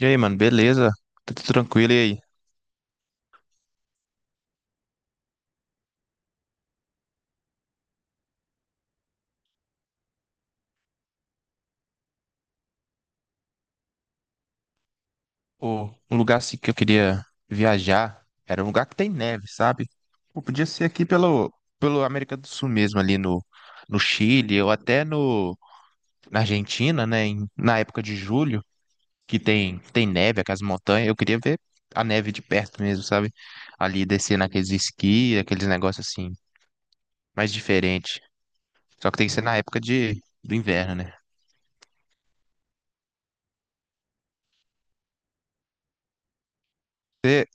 E aí, mano, beleza? Tá tudo tranquilo, e aí? O, um lugar assim que eu queria viajar era um lugar que tem neve, sabe? Pô, podia ser aqui pelo América do Sul mesmo, ali no Chile, ou até no, na Argentina, né? Na época de julho, que tem neve, aquelas montanhas. Eu queria ver a neve de perto mesmo, sabe? Ali descer naqueles esqui, aqueles negócios assim, mais diferente. Só que tem que ser na época do inverno, né? Você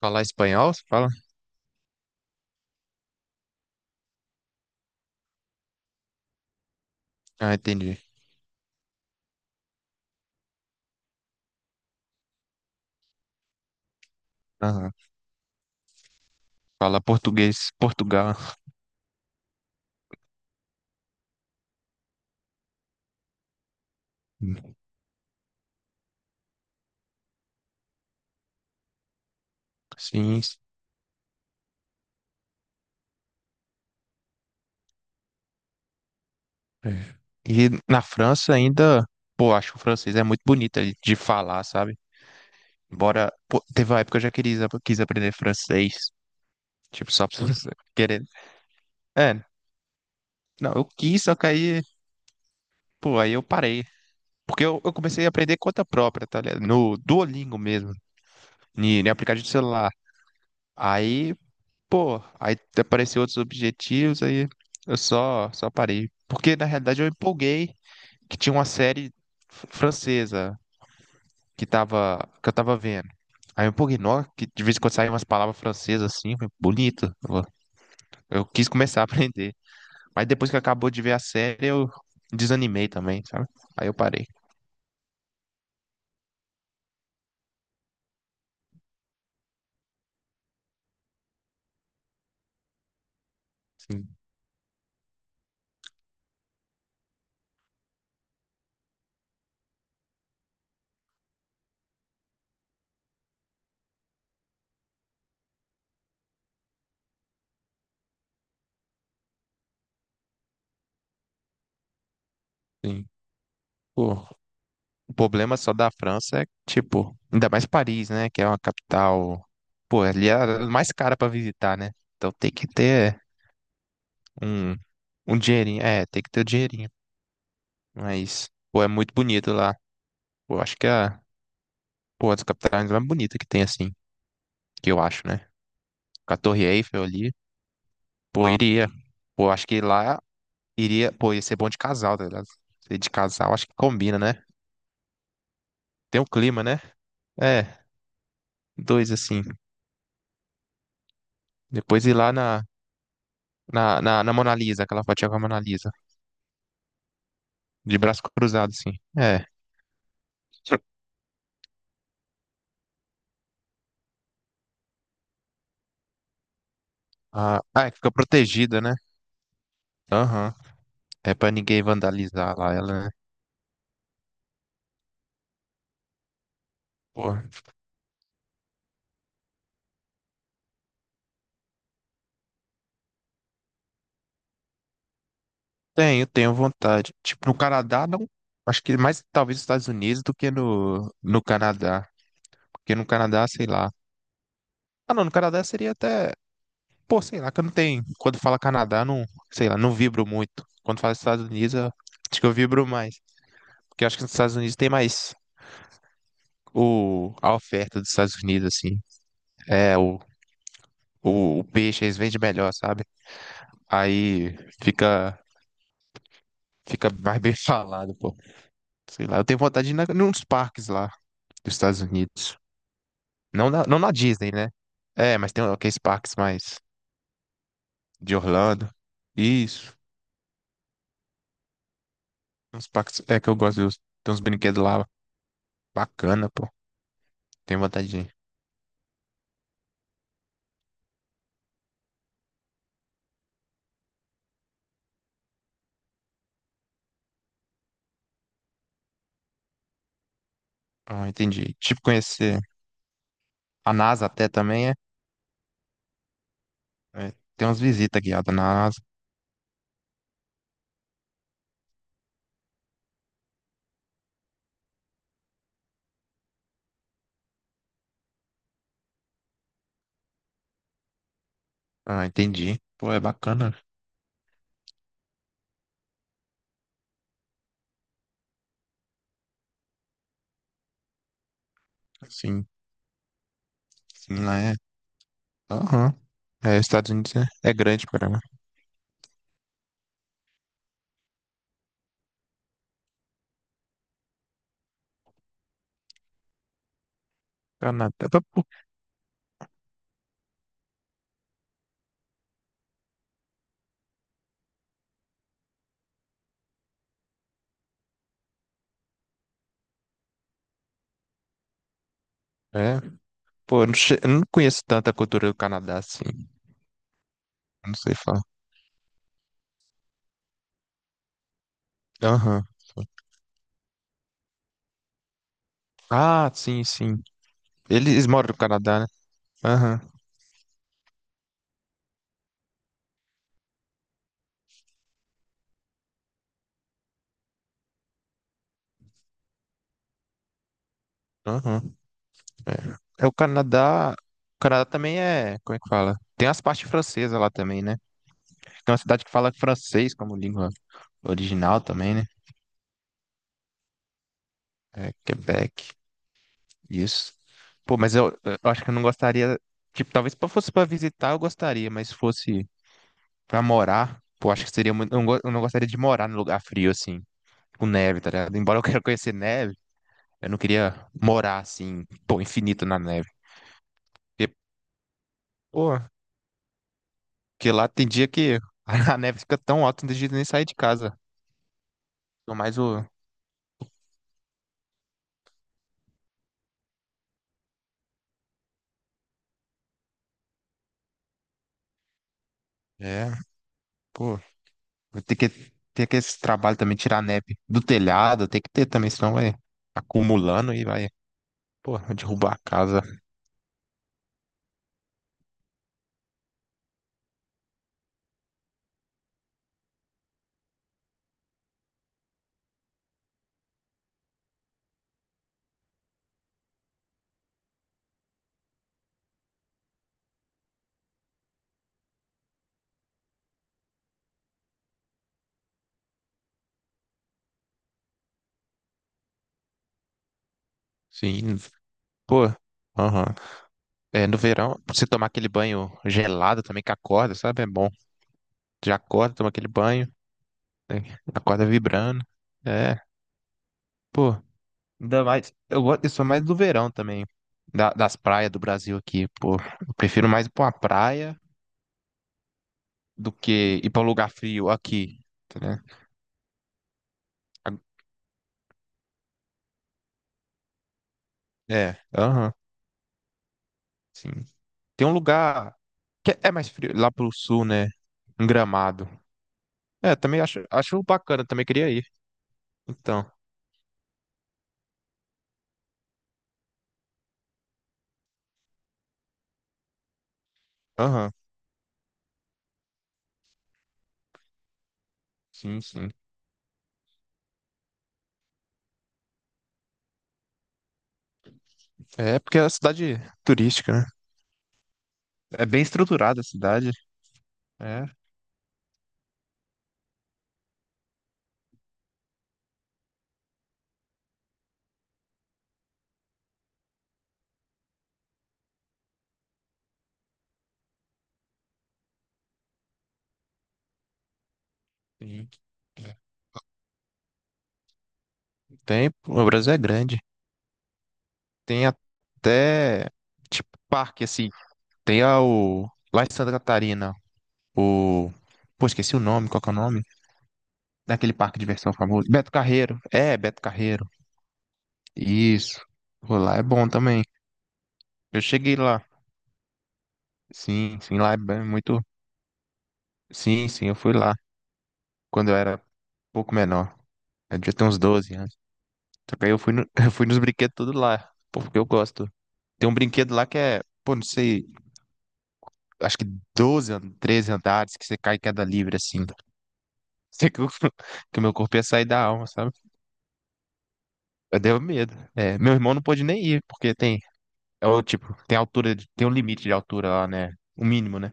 falar espanhol, você fala? Ah, entendi. Fala português, Portugal. Sim. Sim. É. E na França ainda, pô, acho que o francês é muito bonito de falar, sabe? Embora, pô, teve uma época que eu já quis aprender francês. Tipo, só pra você querer. É, não, eu quis, só que aí, pô, aí eu parei. Porque eu comecei a aprender conta própria, tá ligado? No Duolingo mesmo, em aplicativo de celular. Aí, pô, aí apareceu outros objetivos, aí eu só parei. Porque na realidade eu empolguei que tinha uma série francesa que eu tava vendo. Aí eu empolguei, nó, que de vez em quando saem umas palavras francesas assim, eu falei, bonito. Eu quis começar a aprender. Mas depois que acabou de ver a série, eu desanimei também, sabe? Aí eu parei. Sim, sim. Pô, o problema só da França é, tipo, ainda mais Paris, né? Que é uma capital. Pô, ali é a mais cara pra visitar, né? Então tem que ter um, um dinheirinho. É, tem que ter o dinheirinho. Mas, pô, é muito bonito lá. Pô, acho que a. Pô, a das capitais mais bonita que tem, assim, que eu acho, né? Com a Torre Eiffel ali, pô, ah, iria. Pô, acho que lá iria, pô, ia ser bom de casal, tá ligado? Ser de casal, acho que combina, né? Tem um clima, né? É, dois, assim. Depois ir lá na Mona Lisa, aquela fotinha com a Mona Lisa, de braço cruzado, assim. É. Ah, é que fica protegida, né? Aham. É pra ninguém vandalizar lá ela, né? Pô, tenho vontade. Tipo, no Canadá, não. Acho que mais talvez nos Estados Unidos do que no Canadá. Porque no Canadá, sei lá. Ah, não, no Canadá seria até. Pô, sei lá, que eu não tenho. Quando fala Canadá, não. Sei lá, não vibro muito. Quando fala Estados Unidos, acho que eu vibro mais. Porque eu acho que nos Estados Unidos tem mais a oferta dos Estados Unidos, assim. É, o peixe, eles vendem melhor, sabe? Aí fica. Fica mais bem falado, pô. Sei lá, eu tenho vontade de ir nos parques lá dos Estados Unidos. Não na Disney, né? É, mas tem aqueles parques mais de Orlando. Isso. Uns pactos. É que eu gosto de ter uns brinquedos lá bacana, pô. Tenho vontade de ir. Ah, entendi. Tipo, conhecer a NASA até também, é? É, tem umas visitas guiadas na NASA. Ah, entendi. Pô, é bacana. Assim, sim, lá é. Aham. É, Estados Unidos é grande, cara. Canadá. Tá, pô. É. Pô, eu não conheço tanta cultura do Canadá assim. Eu não sei falar. Aham. Ah, sim, sim. Eles moram no Canadá, né? Aham. Aham. É o Canadá. O Canadá também é. Como é que fala? Tem as partes francesas lá também, né? Tem uma cidade que fala francês como língua original também, né? É Quebec. Isso. Pô, mas eu acho que eu não gostaria. Tipo, talvez se fosse pra visitar, eu gostaria, mas se fosse pra morar, pô, acho que seria muito. Eu não gostaria de morar num lugar frio, assim, com neve, tá ligado? Embora eu quero conhecer neve, eu não queria morar assim, pô, infinito na neve. Pô, porque lá tem dia que a neve fica tão alta, não tem jeito de nem sair de casa. Tô mais o. É, pô, vou ter que esse trabalho também, tirar a neve do telhado, tem que ter também, senão vai acumulando e vai, pô, vai derrubar a casa. Sim, pô, aham. É, no verão, você tomar aquele banho gelado também que acorda, sabe? É bom. Já acorda, toma aquele banho, né? Acorda vibrando. É, pô, ainda mais. Eu sou mais do verão também, das praias do Brasil aqui, pô. Eu prefiro mais ir pra uma praia do que ir pra um lugar frio aqui, tá, né? A- É, aham, sim. Tem um lugar que é mais frio, lá pro sul, né? Em Gramado. É, também acho bacana, também queria ir. Então, aham, sim, sim. É porque é uma cidade turística, né? É bem estruturada a cidade. É. Sim. Tem, o Brasil é grande. Tem até, tipo, parque, assim. Tem o, lá em Santa Catarina, o... Pô, esqueci o nome, qual que é o nome? Daquele parque de diversão famoso. Beto Carreiro. É, Beto Carreiro. Isso. Pô, lá é bom também. Eu cheguei lá. Sim, sim, lá é muito... Sim, sim, eu fui lá. Quando eu era um pouco menor. Eu devia ter uns 12 anos. Só que aí eu fui, no- eu fui nos brinquedos tudo lá. Pô, porque eu gosto. Tem um brinquedo lá que é... Pô, não sei... acho que 13 andares que você cai em queda livre, assim. Sei que, que o meu corpo ia sair da alma, sabe? Eu deu medo. É, meu irmão não pôde nem ir, porque tem, é o tipo, tem altura, tem um limite de altura lá, né? O mínimo, né?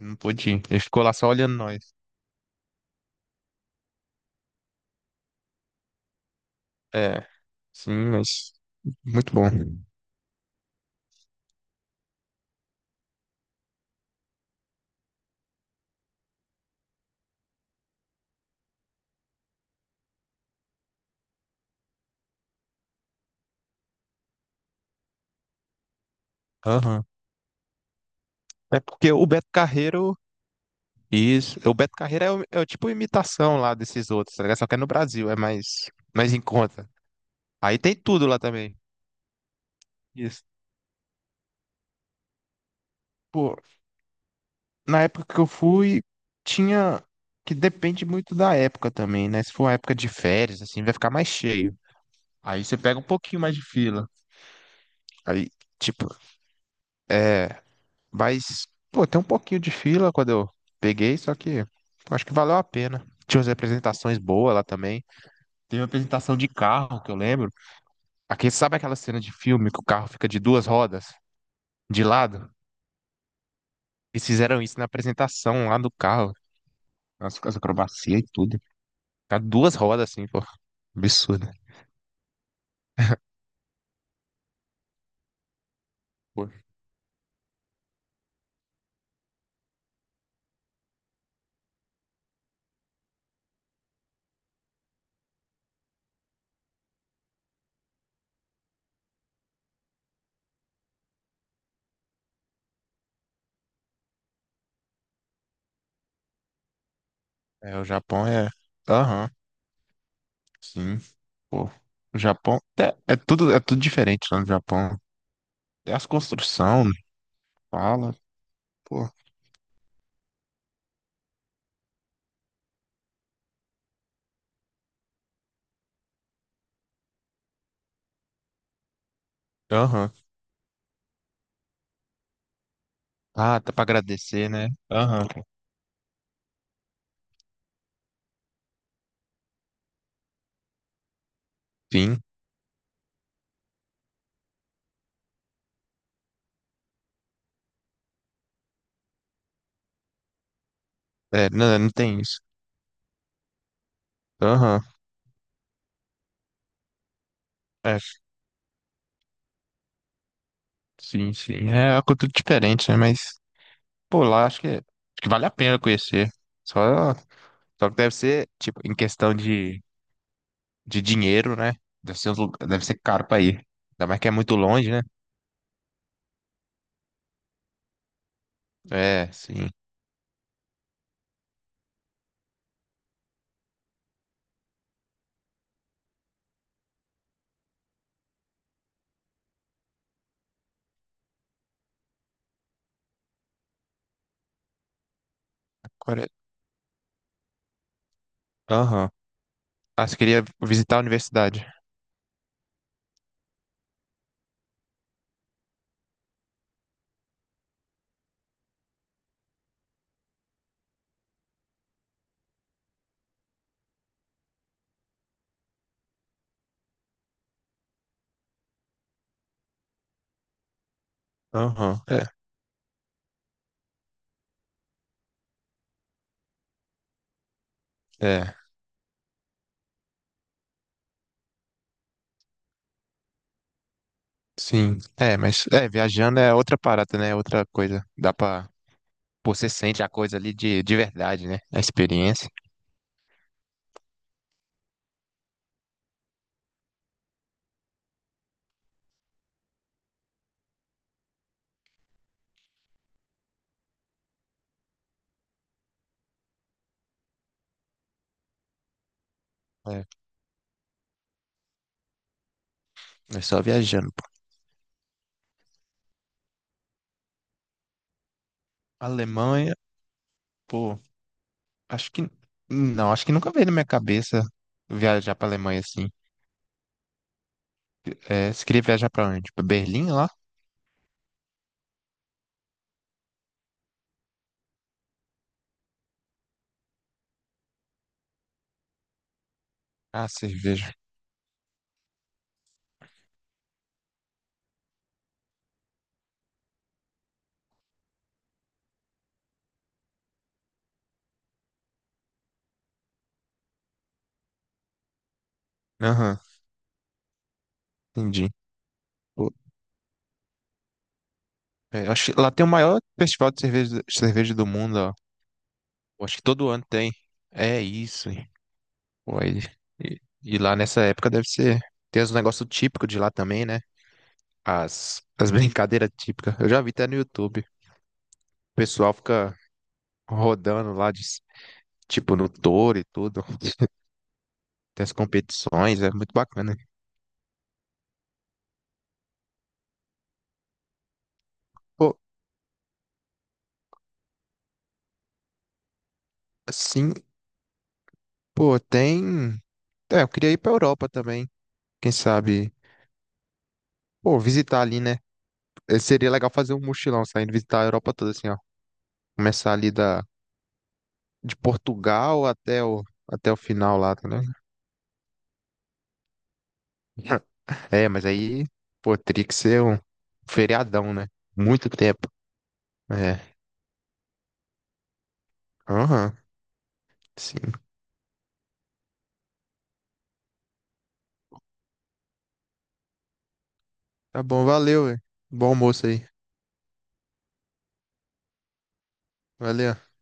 Não pôde ir. Ele ficou lá só olhando nós. É, sim, mas muito bom. Aham. É porque o Beto Carreiro, isso, o Beto Carreiro é o tipo imitação lá desses outros, tá ligado? Só que é no Brasil, é mais em conta. Aí tem tudo lá também. Isso. Pô, na época que eu fui, tinha que depende muito da época também, né? Se for uma época de férias, assim, vai ficar mais cheio. Aí você pega um pouquinho mais de fila. Aí, tipo, é, mas, pô, tem um pouquinho de fila quando eu peguei, só que pô, acho que valeu a pena. Tinha umas apresentações boas lá também. Teve uma apresentação de carro que eu lembro. Aqui, sabe aquela cena de filme que o carro fica de duas rodas de lado? Eles fizeram isso na apresentação lá do carro. As acrobacias e tudo. Tá duas rodas assim, pô. Absurdo. Pô, é, o Japão é. Aham, sim. Pô, o Japão. É, é tudo diferente lá no Japão. É as construções, fala, pô. Aham. Ah, tá pra agradecer, né? Aham. Sim. É, não, não tem isso. Aham. É, sim, sim. É uma cultura diferente, né? Mas, pô, lá acho que vale a pena conhecer. Só, só que deve ser, tipo, em questão de dinheiro, né? Deve ser caro pra ir. Ainda mais que é muito longe, né? É, sim. Core- Aham. Ah, você queria visitar a universidade. Aham. É, é. Sim. É, mas é, viajando é outra parada, né? É outra coisa. Dá pra. Pô, você sente a coisa ali de verdade, né? A experiência. É, é só viajando, pô. Alemanha, pô, acho que. Não, acho que nunca veio na minha cabeça viajar pra Alemanha assim. É, você queria viajar pra onde? Pra Berlim lá? Ah, cerveja. Aham, entendi. É, eu acho que lá tem o maior festival de cerveja, cerveja do mundo, ó. Eu acho que todo ano tem. É isso, hein. Pô, e lá nessa época deve ser. Tem os negócios típicos de lá também, né? As brincadeiras típicas. Eu já vi até no YouTube. O pessoal fica rodando lá, de, tipo, no touro e tudo. Tem as competições, é muito bacana. Pô, assim, pô, tem. É, eu queria ir pra Europa também. Quem sabe? Pô, visitar ali, né? Seria legal fazer um mochilão, saindo visitar a Europa toda, assim, ó. Começar ali de Portugal até o final lá, tá ligado? É, mas aí, pô, teria que ser um feriadão, né? Muito tempo. É. Aham, sim. Tá bom, valeu, velho. Bom almoço aí. Valeu.